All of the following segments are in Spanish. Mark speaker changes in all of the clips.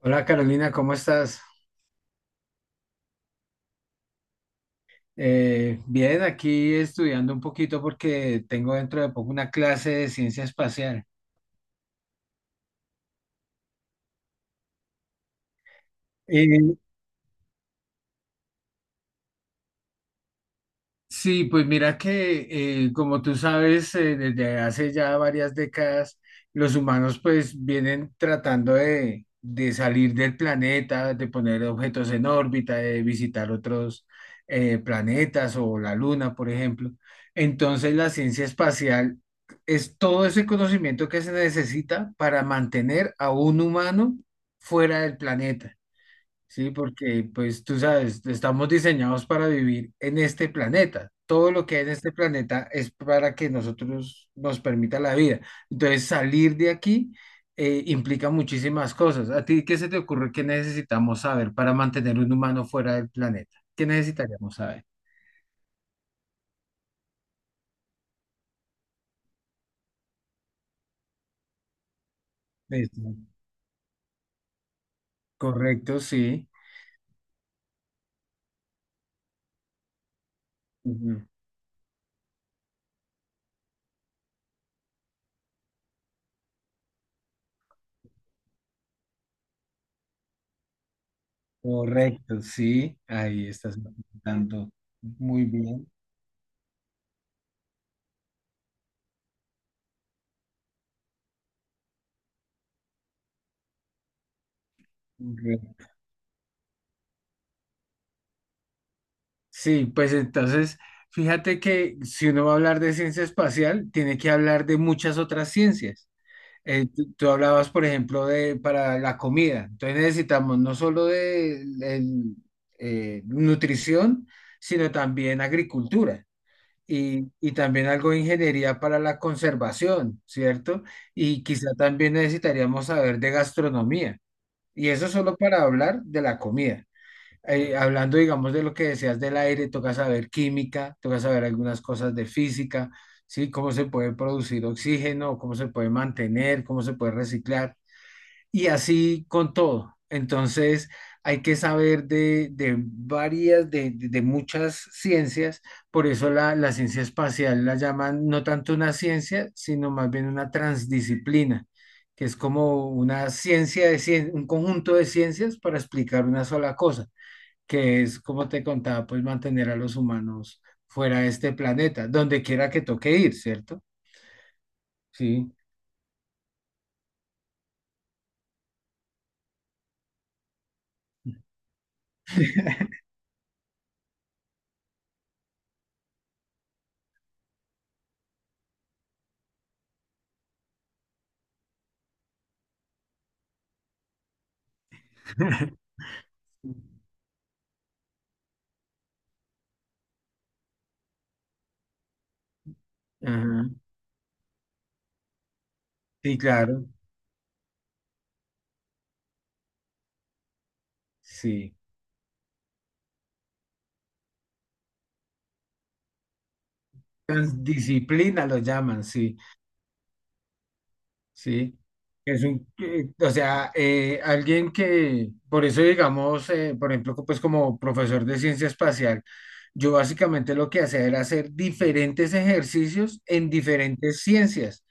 Speaker 1: Hola Carolina, ¿cómo estás? Bien, aquí estudiando un poquito porque tengo dentro de poco una clase de ciencia espacial. y Sí, pues mira que como tú sabes, desde hace ya varias décadas, los humanos pues vienen tratando de salir del planeta, de poner objetos en órbita, de visitar otros planetas o la Luna, por ejemplo. Entonces la ciencia espacial es todo ese conocimiento que se necesita para mantener a un humano fuera del planeta. Sí, porque pues tú sabes, estamos diseñados para vivir en este planeta. Todo lo que hay en este planeta es para que nosotros nos permita la vida. Entonces, salir de aquí implica muchísimas cosas. ¿A ti qué se te ocurre que necesitamos saber para mantener un humano fuera del planeta? ¿Qué necesitaríamos saber? Listo. Correcto, sí. Ujú. Correcto, sí. Ahí estás tanto. Muy bien. Sí, pues entonces, fíjate que si uno va a hablar de ciencia espacial, tiene que hablar de muchas otras ciencias. Tú hablabas, por ejemplo, de para la comida. Entonces necesitamos no solo nutrición, sino también agricultura y también algo de ingeniería para la conservación, ¿cierto? Y quizá también necesitaríamos saber de gastronomía. Y eso solo para hablar de la comida, hablando, digamos, de lo que decías del aire, toca saber química, toca saber algunas cosas de física, ¿sí? Cómo se puede producir oxígeno, cómo se puede mantener, cómo se puede reciclar, y así con todo. Entonces, hay que saber de varias, de muchas ciencias, por eso la ciencia espacial la llaman no tanto una ciencia, sino más bien una transdisciplina, que es como una ciencia un conjunto de ciencias para explicar una sola cosa que es, como te contaba, pues mantener a los humanos fuera de este planeta, donde quiera que toque ir, ¿cierto? Sí, ajá, sí, claro, sí. Trans- Disciplina lo llaman, sí. Sí. Es o sea, alguien que, por eso digamos, por ejemplo, pues como profesor de ciencia espacial, yo básicamente lo que hacía era hacer diferentes ejercicios en diferentes ciencias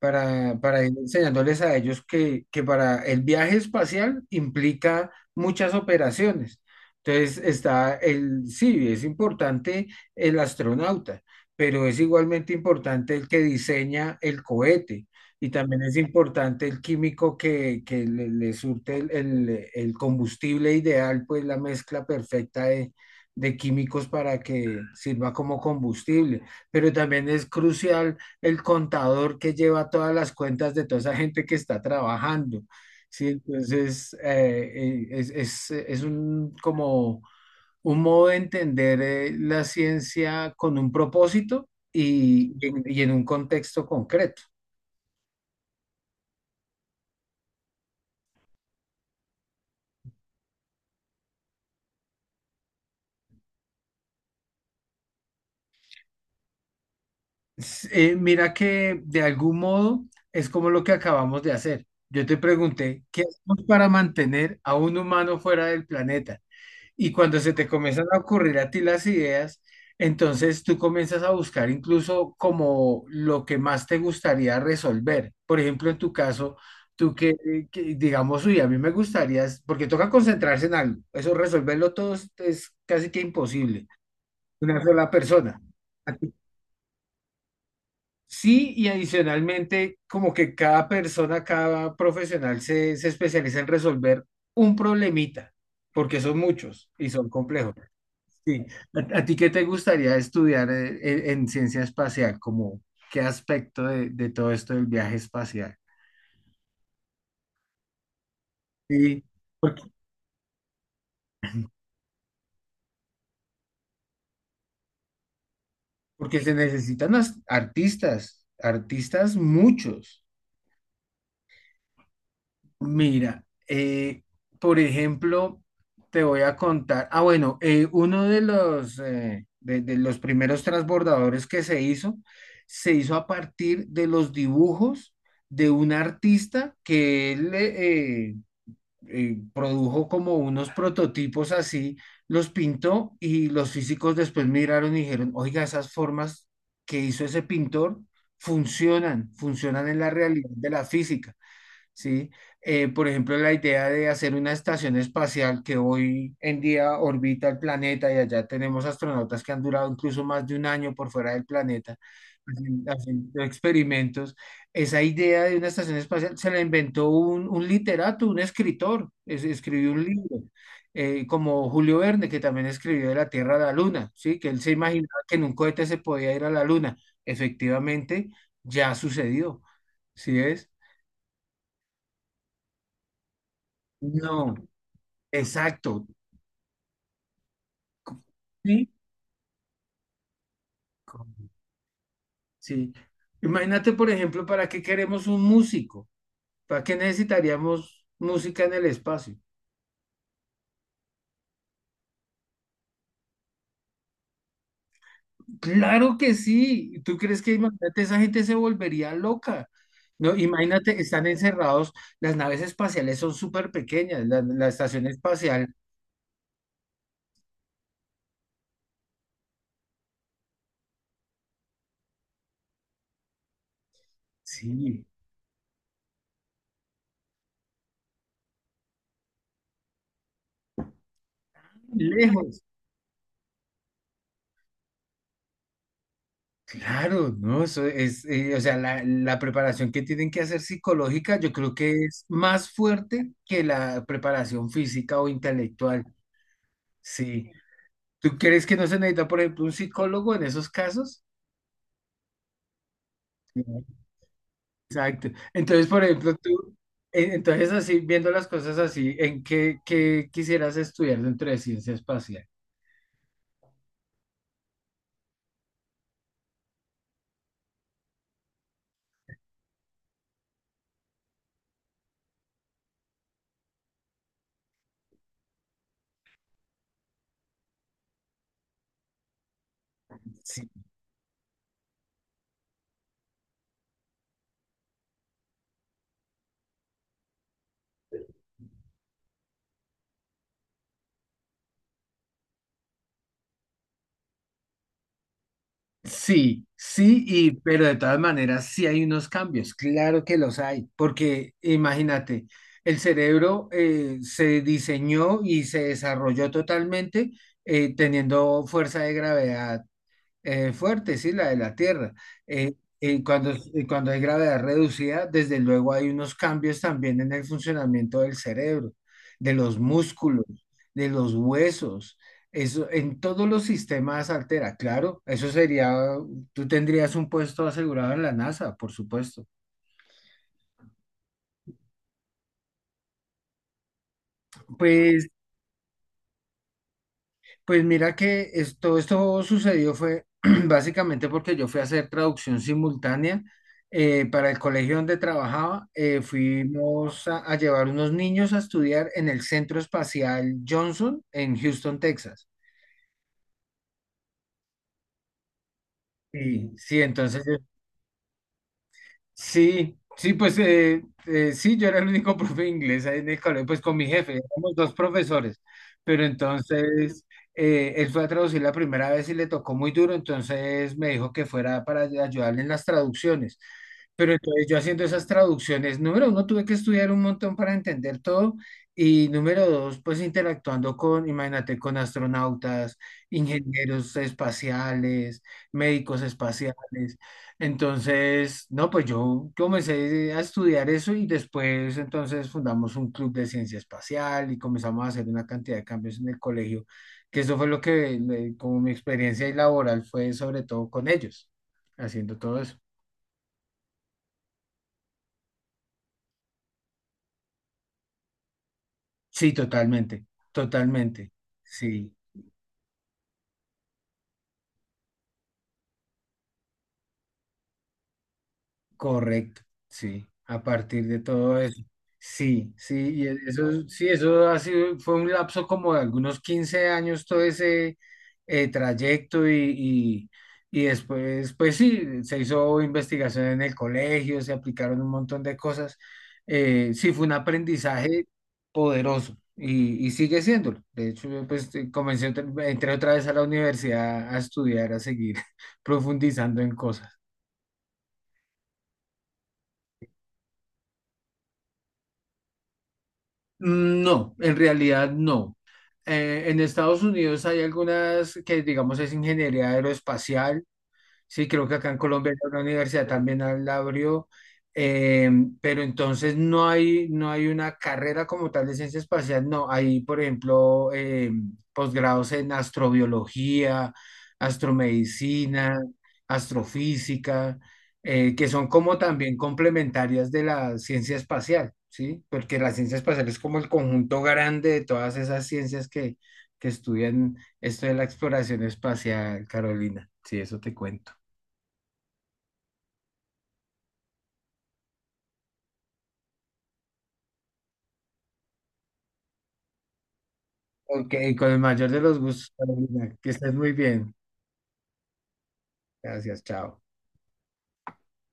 Speaker 1: para ir enseñándoles a ellos que para el viaje espacial implica muchas operaciones. Entonces está sí, es importante el astronauta, pero es igualmente importante el que diseña el cohete y también es importante el químico que le surte el combustible ideal, pues la mezcla perfecta de químicos para que sirva como combustible. Pero también es crucial el contador que lleva todas las cuentas de toda esa gente que está trabajando. Sí, entonces es un, como un modo de entender la ciencia con un propósito y en un contexto concreto. Mira que de algún modo es como lo que acabamos de hacer. Yo te pregunté, ¿qué hacemos para mantener a un humano fuera del planeta? Y cuando se te comienzan a ocurrir a ti las ideas, entonces tú comienzas a buscar incluso como lo que más te gustaría resolver. Por ejemplo, en tu caso, tú que digamos, uy, a mí me gustaría, porque toca concentrarse en algo. Eso resolverlo todo es casi que imposible, una sola persona. Sí, y adicionalmente, como que cada persona, cada profesional se especializa en resolver un problemita, porque son muchos y son complejos. Sí. ¿A ti qué te gustaría estudiar en ciencia espacial? Como, ¿qué aspecto de todo esto del viaje espacial? Sí, porque, porque se necesitan artistas, artistas muchos. Mira, eh, por ejemplo, te voy a contar. Ah, bueno, uno de los primeros transbordadores que se hizo a partir de los dibujos de un artista que él produjo como unos prototipos así, los pintó y los físicos después miraron y dijeron, oiga, esas formas que hizo ese pintor funcionan, funcionan en la realidad de la física. ¿Sí? Por ejemplo, la idea de hacer una estación espacial que hoy en día orbita el planeta y allá tenemos astronautas que han durado incluso más de un año por fuera del planeta haciendo experimentos. Esa idea de una estación espacial se la inventó un literato, un escritor, escribió un libro, como Julio Verne, que también escribió de la Tierra a la Luna, ¿sí? Que él se imaginaba que en un cohete se podía ir a la Luna. Efectivamente, ya sucedió, ¿sí es? No. Exacto. Sí. co- Sí. Imagínate, por ejemplo, ¿para qué queremos un músico? ¿Para qué necesitaríamos música en el espacio? Claro que sí. ¿Tú crees que imagínate, esa gente se volvería loca? No, imagínate, están encerrados, las naves espaciales son súper pequeñas, la estación espacial, sí, lejos. Claro, ¿no? Eso es, o sea, la preparación que tienen que hacer psicológica, yo creo que es más fuerte que la preparación física o intelectual. Sí. ¿Tú crees que no se necesita, por ejemplo, un psicólogo en esos casos? No. Exacto. Entonces, por ejemplo, entonces así, viendo las cosas así, ¿qué quisieras estudiar dentro de ciencia espacial? Sí, sí, y pero de todas maneras sí hay unos cambios, claro que los hay, porque imagínate, el cerebro se diseñó y se desarrolló totalmente teniendo fuerza de gravedad fuerte, sí, la de la Tierra. Y cuando hay gravedad reducida, desde luego hay unos cambios también en el funcionamiento del cerebro, de los músculos, de los huesos. Eso en todos los sistemas altera, claro. Eso sería, tú tendrías un puesto asegurado en la NASA, por supuesto. Pues Pues mira que todo esto sucedió fue básicamente porque yo fui a hacer traducción simultánea para el colegio donde trabajaba. Fuimos a llevar unos niños a estudiar en el Centro Espacial Johnson en Houston, Texas. Sí, sí, entonces. Sí, sí, pues sí, yo era el único profe de inglés ahí en el colegio, pues con mi jefe, éramos dos profesores, pero entonces él fue a traducir la primera vez y le tocó muy duro, entonces me dijo que fuera para ayudarle en las traducciones. Pero entonces yo haciendo esas traducciones, número uno, tuve que estudiar un montón para entender todo y número dos, pues interactuando con, imagínate, con astronautas, ingenieros espaciales, médicos espaciales. Entonces, no, pues yo comencé a estudiar eso y después entonces fundamos un club de ciencia espacial y comenzamos a hacer una cantidad de cambios en el colegio, que eso fue lo que, como mi experiencia laboral fue sobre todo con ellos, haciendo todo eso. Sí, totalmente, totalmente. Sí. Correcto, sí, a partir de todo eso. Sí, sí, y eso, sí, eso ha sido, fue un lapso como de algunos 15 años todo ese trayecto y después, pues sí, se hizo investigación en el colegio, se aplicaron un montón de cosas. Sí, fue un aprendizaje poderoso y sigue siéndolo. De hecho, yo, pues entré otra vez a la universidad a estudiar, a seguir profundizando en cosas. Mm, no, en realidad no. En Estados Unidos hay algunas que, digamos, es ingeniería aeroespacial. Sí, creo que acá en Colombia hay una universidad también la abrió, eh, pero entonces no hay, una carrera como tal de ciencia espacial, no. Hay, por ejemplo, posgrados en astrobiología, astromedicina, astrofísica, que son como también complementarias de la ciencia espacial, ¿sí? Porque la ciencia espacial es como el conjunto grande de todas esas ciencias que estudian esto de la exploración espacial, Carolina. Sí, eso te cuento. Ok, con el mayor de los gustos, Carolina. Que estés muy bien. Gracias, chao.